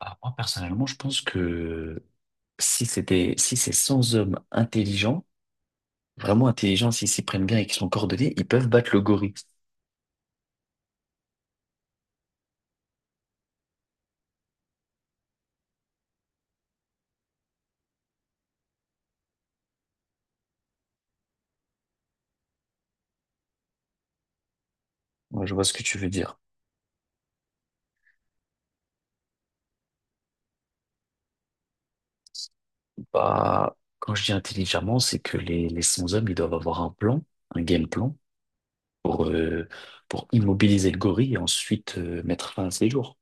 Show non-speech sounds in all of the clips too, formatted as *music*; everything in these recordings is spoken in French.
Ah, moi, personnellement, je pense que si c'est 100 hommes intelligents, vraiment intelligents, s'ils s'y prennent bien et qu'ils sont coordonnés, ils peuvent battre le gorille. Moi, je vois ce que tu veux dire. Bah, quand je dis intelligemment, c'est que les 100 hommes, ils doivent avoir un plan, un game plan, pour, euh, pour immobiliser le gorille et ensuite mettre fin à ses jours.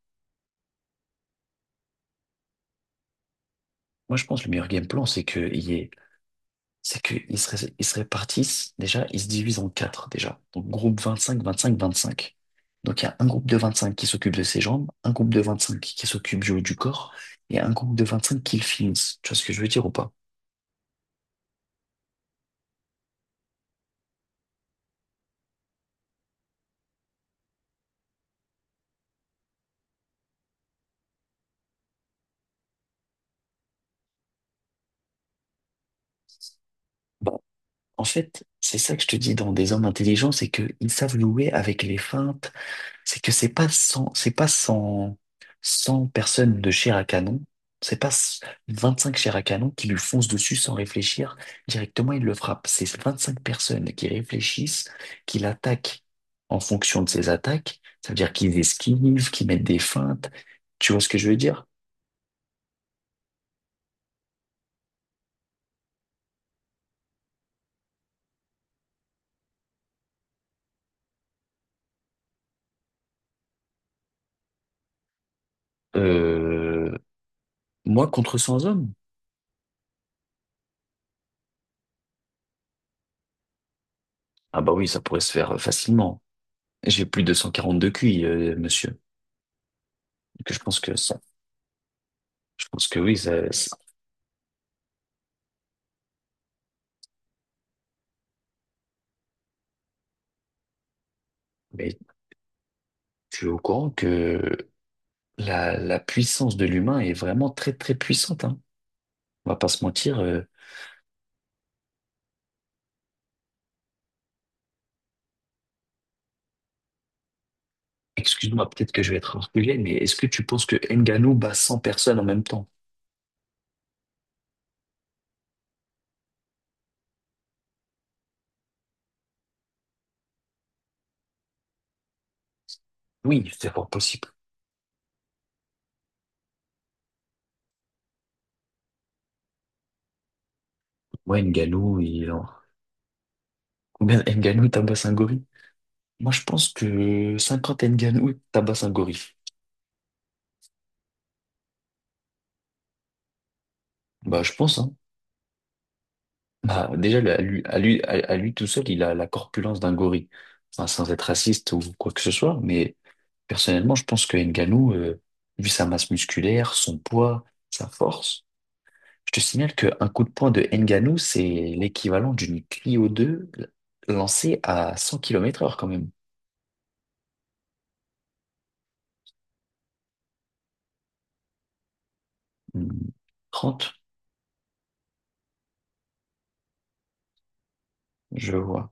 Moi, je pense que le meilleur game plan, c'est qu'il y ait c'est qu'ils se, ré- ils se répartissent, déjà, ils se divisent en quatre, déjà. Donc, groupe vingt-cinq, vingt-cinq, vingt-cinq. Donc, il y a un groupe de 25 qui s'occupe de ses jambes, un groupe de 25 qui s'occupe du haut du corps, et un groupe de 25 qui le finissent. Tu vois ce que je veux dire ou pas? Bah, en fait, c'est ça que je te dis, dans des hommes intelligents, c'est qu'ils savent jouer avec les feintes. C'est que c'est pas 100 personnes de chair à canon, c'est pas c- 25 chairs à canon qui lui foncent dessus sans réfléchir, directement il le frappe. C'est 25 personnes qui réfléchissent, qui l'attaquent en fonction de ses attaques, ça veut dire qu'ils esquivent, qu'ils mettent des feintes. Tu vois ce que je veux dire? Euh, Moi contre 100 hommes? Ah bah oui, ça pourrait se faire facilement. J'ai plus de 142 QI, monsieur. Que je pense que ça, je pense que oui, ça- mais tu es au courant que la puissance de l'humain est vraiment très très puissante, hein. On va pas se mentir. Excuse-moi, peut-être que je vais être orgueilleux, mais est-ce que tu penses que Ngannou bat 100 personnes en même temps? Oui, c'est fort possible. Moi, Ngannou, il... Combien Ngannou tabasse un gorille? Moi, je pense que 50 Ngannou tabasse un gorille. Bah, je pense, hein. Bah, déjà, à lui tout seul, il a la corpulence d'un gorille. Enfin, sans être raciste ou quoi que ce soit, mais personnellement, je pense que Ngannou, vu sa masse musculaire, son poids, sa force, je te signale qu'un coup de poing de Ngannou, c'est l'équivalent d'une Clio 2 lancée à 100 km heure quand même. Hmm, 30, je vois.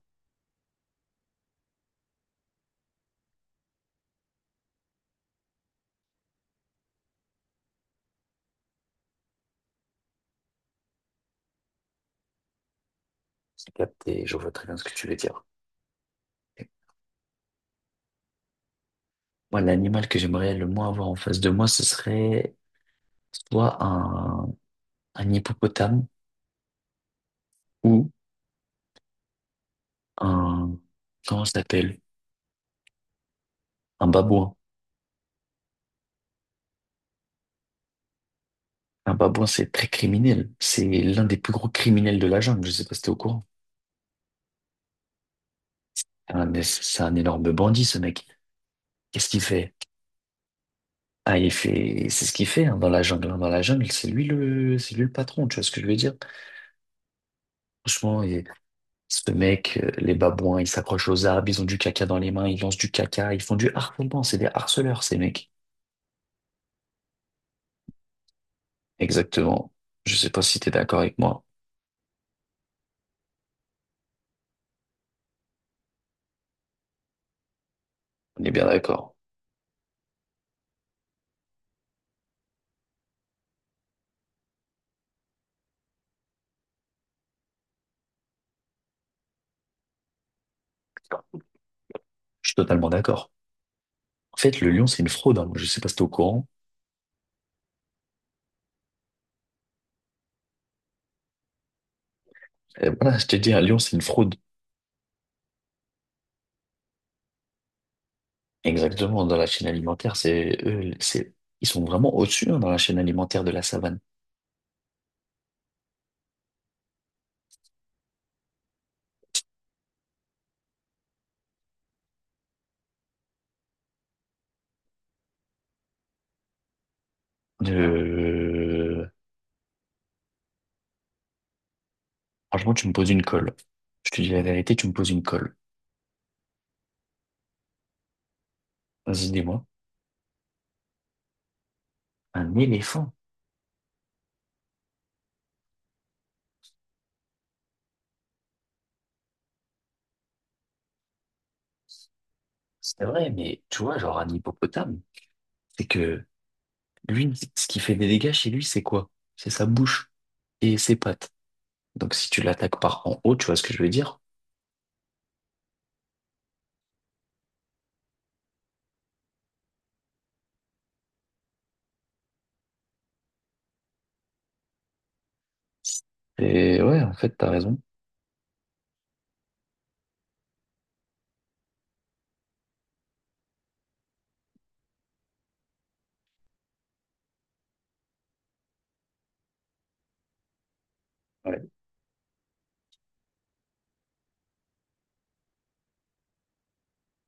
C'est capté, je vois très bien ce que tu veux dire. Moi, l'animal que j'aimerais le moins avoir en face de moi, ce serait soit un hippopotame ou un, comment ça s'appelle? Un babouin. Un babouin, c'est très criminel. C'est l'un des plus gros criminels de la jungle. Je sais pas si t'es au courant. C'est un énorme bandit, ce mec. Qu'est-ce qu'il fait? Ah, il fait, c'est ce qu'il fait, hein, dans la jungle. Hein. Dans la jungle, c'est lui le patron. Tu vois ce que je veux dire? Franchement, il- ce mec, les babouins, ils s'accrochent aux arbres, ils ont du caca dans les mains, ils lancent du caca, ils font du harcèlement. C'est des harceleurs, ces mecs. Exactement. Je sais pas si t'es d'accord avec moi. On est bien d'accord. Je suis totalement d'accord. En fait, le lion, c'est une fraude. Hein. Je sais pas si t'es au courant. Voilà, je t'ai dit, un lion, c'est une fraude. Exactement, dans la chaîne alimentaire, c'est eux, ils sont vraiment au-dessus, hein, dans la chaîne alimentaire de la savane. Euh, Franchement, tu me poses une colle. Je te dis la vérité, tu me poses une colle. Vas-y, dis-moi. Un éléphant, c'est vrai, mais tu vois, genre un hippopotame, c'est que lui, ce qui fait des dégâts chez lui, c'est quoi? C'est sa bouche et ses pattes. Donc si tu l'attaques par en haut, tu vois ce que je veux dire? Et ouais, en fait, t'as raison.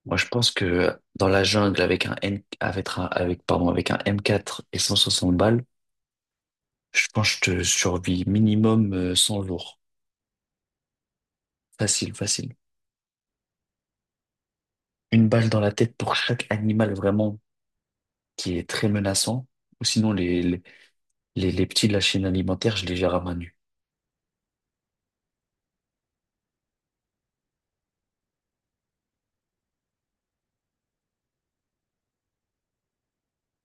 Moi, je pense que dans la jungle avec un N, avec un, avec, pardon, avec un M4 et 160 balles, je pense que je te survis minimum 100 jours. Facile, facile. Une balle dans la tête pour chaque animal vraiment qui est très menaçant. Ou sinon, les petits de la chaîne alimentaire, je les gère à main nue.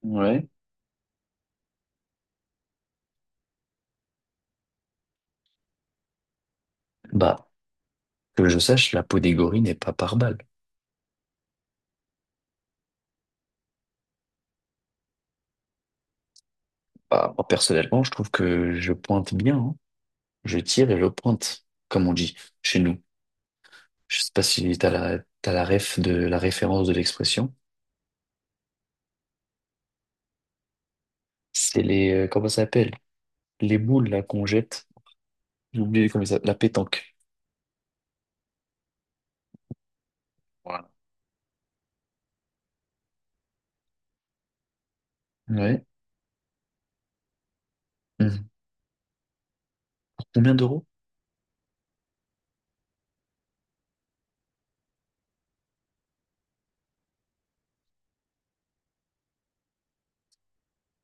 Ouais. Bah, que je sache, la peau des gorilles n'est pas par balle. Bah, moi, personnellement, je trouve que je pointe bien, hein. Je tire et je pointe, comme on dit chez nous. Je sais pas si t'as la ref de la référence de l'expression. C'est les, comment ça s'appelle? Les boules là qu'on jette. J'ai oublié comment ça, la pétanque. Voilà. Ouais. Mhm. Pour combien d'euros?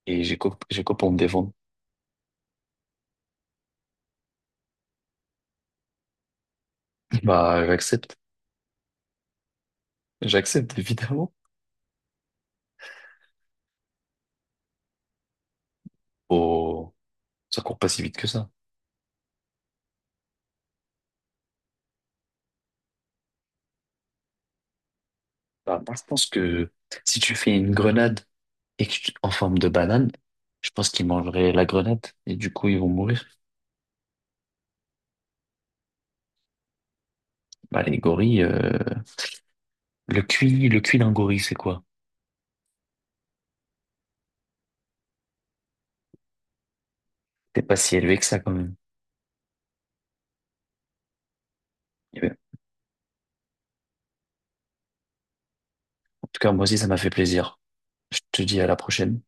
Et j'ai quoi pour me défendre? *laughs* Bah, j'accepte. J'accepte, évidemment. Oh, ça court pas si vite que ça. Bah, moi, je pense que si tu fais une grenade et que tu- en forme de banane, je pense qu'ils mangeraient la grenade et du coup, ils vont mourir. Bah, les gorilles, le cuit d'un gorille, c'est quoi? C'est pas si élevé que ça, quand même. Eh ben, en tout cas, moi aussi, ça m'a fait plaisir. Je te dis à la prochaine.